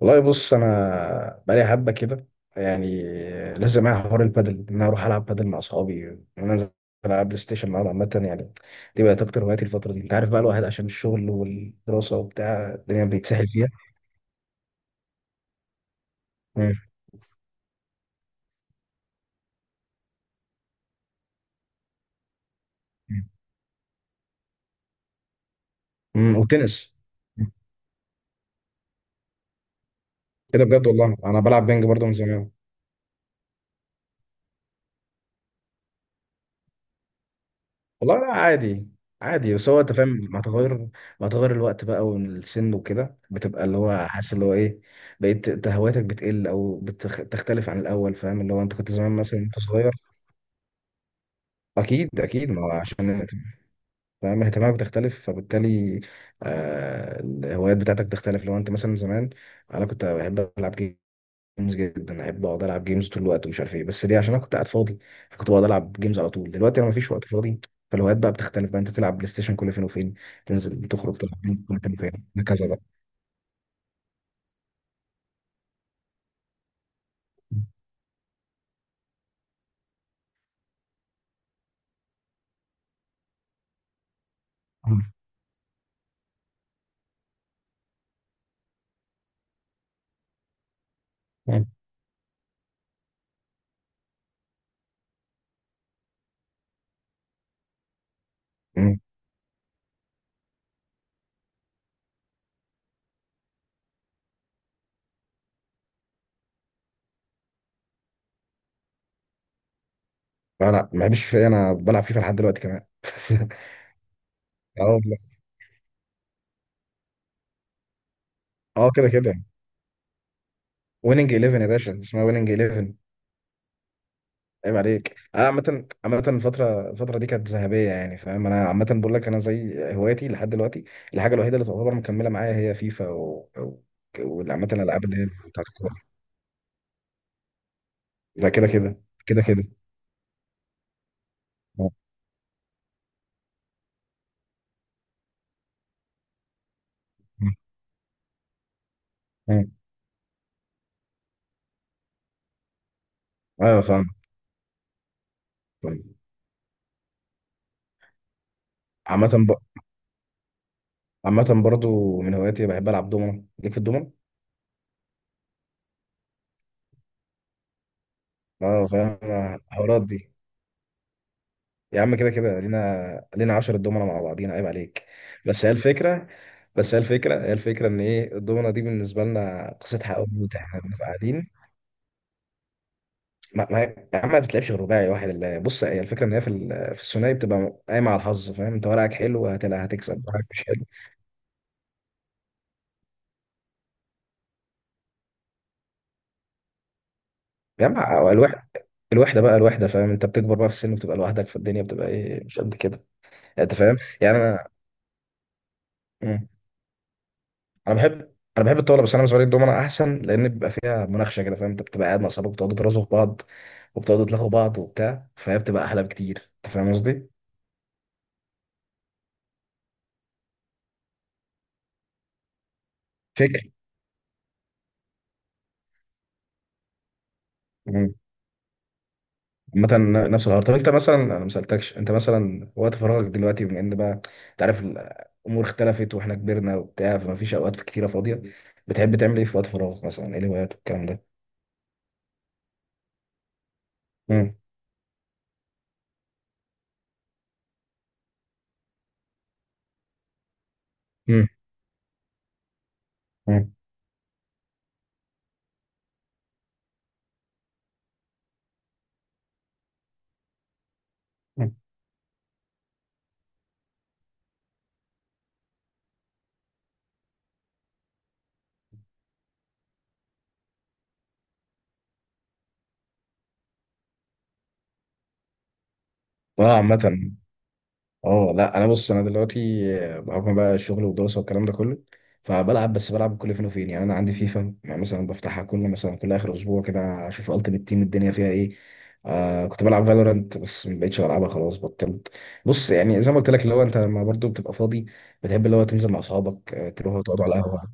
والله بص انا بقالي حبه كده، يعني لازم معايا حوار البادل ان انا اروح العب بادل مع اصحابي وان انا انزل العب بلاي ستيشن معاهم. عامه يعني دي بقت اكتر هواياتي الفتره دي. انت عارف بقى الواحد عشان الشغل والدراسه وبتاع الدنيا بيتسهل فيها. امم أمم. والتنس كده بجد والله. انا بلعب بينج برضه من زمان. والله لا عادي عادي، بس هو انت فاهم مع تغير، مع تغير الوقت بقى والسن وكده بتبقى اللي هو حاسس اللي هو ايه، بقيت انت هواياتك بتقل او بتختلف عن الاول. فاهم اللي هو انت كنت زمان مثلا وانت صغير. اكيد اكيد، ما هو عشان فاهم اهتمامك بتختلف، فبالتالي آه الهوايات بتاعتك بتختلف. لو انت مثلا زمان، انا كنت بحب العب جيمز جدا، احب اقعد العب جيمز طول الوقت ومش عارف ايه، بس ليه؟ عشان انا كنت قاعد فاضي، فكنت بقعد العب جيمز على طول. دلوقتي انا مفيش وقت فاضي، فالهوايات بقى بتختلف بقى. انت تلعب بلاي ستيشن كل فين وفين، تنزل تخرج تلعب بينج كل فين وفين، هكذا بقى. مم. امم لا لا، ما بحبش فيه، انا بلعب فيفا لحد دلوقتي كمان اه والله. اه كده كده. ويننج 11 يا باشا، اسمها ويننج 11. عيب عليك. انا عامه عامه الفتره الفتره دي كانت ذهبيه يعني، فاهم؟ انا عامه بقول لك انا زي هوايتي لحد دلوقتي، الحاجه الوحيده اللي تعتبر مكمله معايا هي فيفا و... و... وعامه الالعاب اللي هي بتاعت الكوره. ده كده كده، كده كده. آه. آه. آه. ايوه فاهم. فاهم. عامه ب... عامه برضو من هواياتي بحب العب دومنه، ليك في الدومنه؟ اه فاهم، الحوارات دي. يا عم كده كده، لينا 10 دومنة مع بعضينا، عيب عليك. بس هي الفكرة بس هي الفكرة هي الفكرة ان ايه، الدومنة دي بالنسبة لنا قصتها قوي. احنا بنبقى قاعدين. ما يا عم، ما بتلعبش غير رباعي واحد اللي بص، هي الفكرة ان هي في في الثنائي بتبقى قايمة على الحظ. فاهم؟ انت ورقك حلو هتكسب، ورقك مش حلو يا عم أو الوحدة. الوحدة بقى، الوحدة، فاهم؟ انت بتكبر بقى في السن وبتبقى لوحدك في الدنيا، بتبقى ايه مش قد كده. انت فاهم يعني انا. مم. انا بحب الطاوله، بس انا بالنسبه لي الدومنه احسن لان بيبقى فيها مناقشه كده. فاهم؟ انت بتبقى قاعد مع اصحابك، بتقعدوا ترازوا في بعض وبتقعدوا تلاقوا بعض وبتاع، فهي بتبقى احلى بكتير. انت فاهم قصدي؟ فكر. مم. عامة نفس الحوار، طب انت مثلا، انا ما سالتكش، انت مثلا وقت فراغك دلوقتي بما ان بقى انت عارف الامور اختلفت واحنا كبرنا وبتاع، فما فيش اوقات كتيره فاضيه، بتحب تعمل ايه في وقت فراغك؟ مثلا، ايه الهوايات والكلام ده؟ مم. مم. مم. مم. اه عامة، اه لا انا بص انا دلوقتي بحكم بقى الشغل والدراسه والكلام ده كله، فبلعب، بس بلعب كل فين وفين يعني. انا عندي فيفا، يعني مثلا بفتحها كل مثلا كل اخر اسبوع كده، اشوف التيمت تيم الدنيا فيها ايه. آه كنت بلعب فالورانت بس ما بقتش بلعبها، خلاص بطلت. بص يعني زي ما قلت لك، اللي هو انت لما برضه بتبقى فاضي، بتحب اللي هو تنزل مع اصحابك، تروحوا تقعدوا على القهوه.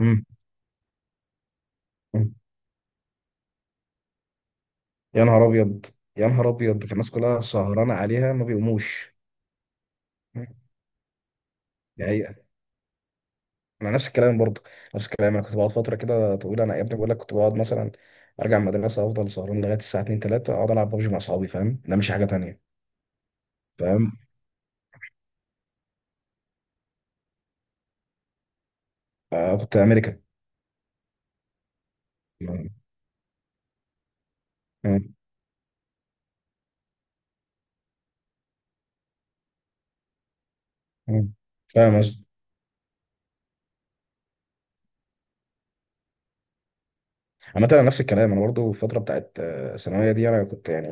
مم. مم. يا نهار ابيض، يا نهار ابيض، الناس كلها سهرانه عليها ما بيقوموش. مم. دي حقيقة. انا نفس الكلام برضه، نفس الكلام. انا كنت بقعد فتره كده طويله، انا يا ابني بقول لك كنت بقعد مثلا ارجع من المدرسه، افضل سهران لغايه الساعه 2 3، اقعد العب ببجي مع اصحابي. فاهم؟ ده مش حاجه تانية. فاهم، آه كنت امريكان. م- م- م. فاهم قصدي. عامة انا نفس الكلام، انا برضه الفتره بتاعت الثانويه دي انا كنت يعني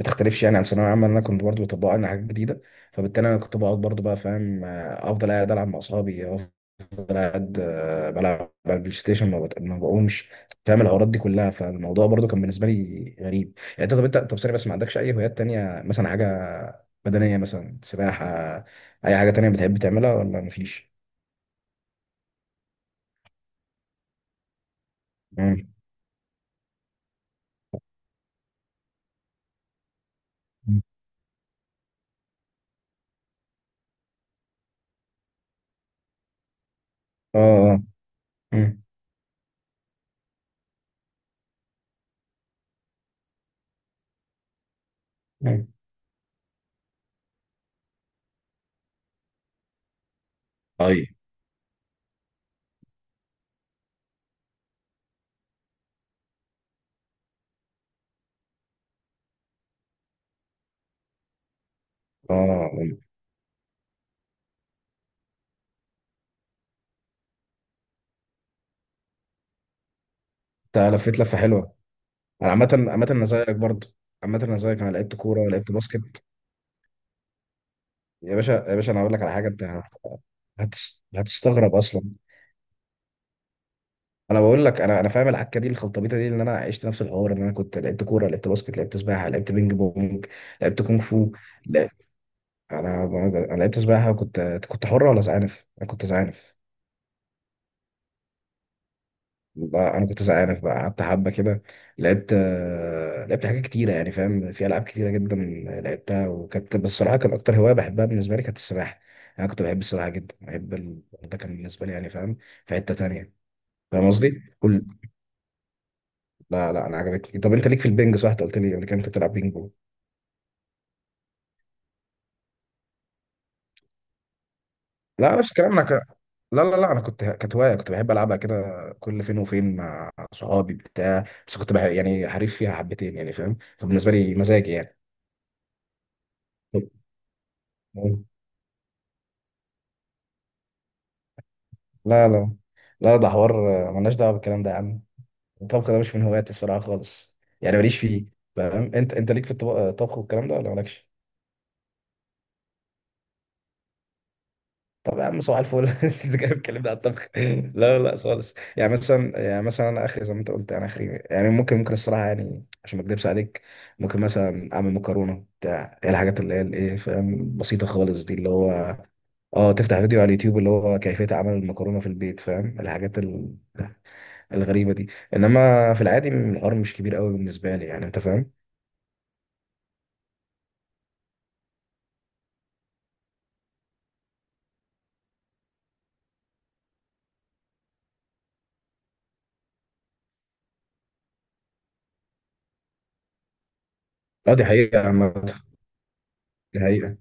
ما تختلفش يعني عن ثانويه عامه، إن انا كنت برضه بطبق لنا حاجات جديده، فبالتالي انا كنت بقعد برضه بقى. فاهم؟ افضل قاعد العب مع اصحابي، أنا قاعد بلعب على البلاي ستيشن، ما بقومش. فاهم الحوارات دي كلها؟ فالموضوع برضو كان بالنسبه لي غريب يعني. انت طب انت طب ثانيه، بس ما عندكش اي هوايات تانية؟ مثلا حاجه بدنيه، مثلا سباحه، اي حاجه تانية بتحب تعملها ولا مفيش؟ مم. اه اه. مم. مم. اي اه. انت لفيت لفه حلوه. انا عامه عامه انا زيك برضو. عامه انا زيك، انا لعبت كوره ولعبت باسكت. يا باشا يا باشا، انا هقول لك على حاجه، انت هتستغرب اصلا. انا بقول لك، انا فاهم العكه دي، الخلطبيطه دي، ان انا عشت نفس الحوار. ان انا كنت لعبت كوره، لعبت باسكت، لعبت سباحه، لعبت بينج بونج، لعبت كونغ فو. لا. انا انا لعبت سباحه، وكنت كنت حر ولا زعانف؟ انا كنت زعانف. انا كنت زعانف بقى، قعدت حبه كده. لعبت لعبت حاجات كتيره يعني. فاهم، في العاب كتيره جدا لعبتها، وكانت بس الصراحه كان اكتر هوايه بحبها بالنسبه لي كانت السباحه. انا كنت بحب السباحه جدا، بحب ال... ده كان بالنسبه لي يعني، فاهم، في حته تانيه. فاهم قصدي كل... لا لا انا عجبتني. طب انت ليك في البنج صح؟ انت قلت لي قبل كده انت بتلعب بينج بونج. لا نفس الكلام، انا لا لا لا انا كنت، كانت هوايه كنت بحب العبها كده كل فين وفين مع صحابي بتاع بس كنت بح... يعني حريف فيها حبتين يعني، فاهم؟ فبالنسبه لي مزاجي يعني. طب. لا لا لا، ده حوار ملناش دعوه بالكلام ده يا عم. الطبخ ده مش من هواياتي الصراحه خالص، يعني ماليش فيه. فاهم انت، انت ليك في الطبخ، الطبخ والكلام ده، ولا مالكش؟ طب يا عم صباح الفل انت جاي بتكلمني على الطبخ؟ لا لا خالص، يعني مثلا، يعني مثلا انا اخري زي ما انت قلت، يعني اخري يعني ممكن الصراحه يعني، عشان ما اكدبش عليك، ممكن مثلا اعمل مكرونه بتاع هي الحاجات اللي هي الايه، فاهم، بسيطه خالص دي، اللي هو اه تفتح فيديو على اليوتيوب اللي هو كيفيه عمل المكرونه في البيت. فاهم، الحاجات الغريبه دي. انما في العادي الحوار مش كبير قوي بالنسبه لي يعني. انت فاهم؟ اه دي حقيقه عامه، دي حقيقه.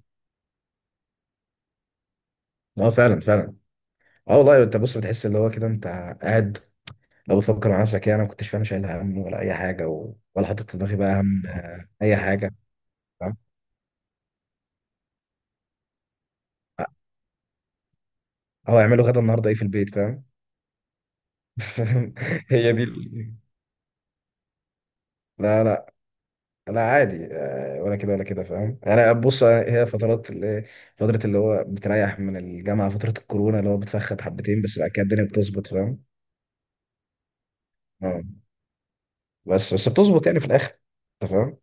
اه فعلا فعلا. اه والله. انت بص بتحس اللي هو كده انت قاعد، لو بتفكر مع نفسك يعني انا ما كنتش فعلا شايل هم ولا اي حاجه، و... ولا حاطط في دماغي بقى هم اي حاجه. فاهم، او اعملوا غدا النهارده ايه في البيت. فاهم هي دي ال... لا لا. لا عادي ولا كده ولا كده. فاهم، انا بص هي فترات اللي فتره اللي هو بتريح من الجامعه، فتره الكورونا اللي هو بتفخد حبتين، بس بعد كده الدنيا بتظبط. فاهم؟ اه بس بتظبط يعني في الاخر. انت فاهم،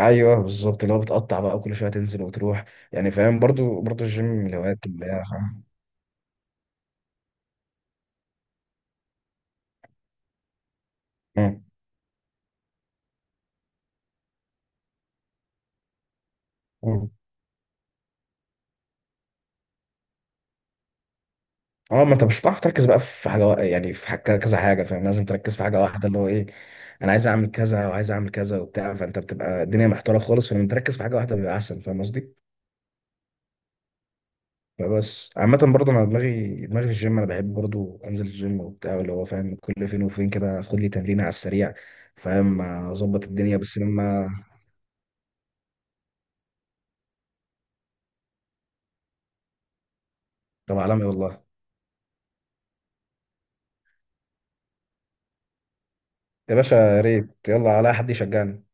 ايوه بالظبط، اللي هو بتقطع بقى وكل شويه تنزل وتروح. يعني فاهم، برضو برضو الجيم من الهوايات اللي هي فاهم. مم. اه، ما انت مش هتعرف تركز بقى في حاجه يعني في حاجة كذا حاجه. فاهم، لازم تركز في حاجه واحده اللي هو ايه. انا عايز اعمل كذا وعايز اعمل كذا وبتاع، فانت بتبقى الدنيا محتاره خالص، فلما تركز في حاجه واحده بيبقى احسن. فاهم قصدي؟ فبس عامه برضه انا دماغي في الجيم. انا بحب برضه انزل الجيم وبتاع، اللي هو فاهم كل فين وفين كده اخد لي تمرينه على السريع، فاهم، اظبط الدنيا، بس لما. طب عالمي والله. يا باشا يا ريت، يلا على حد يشجعني.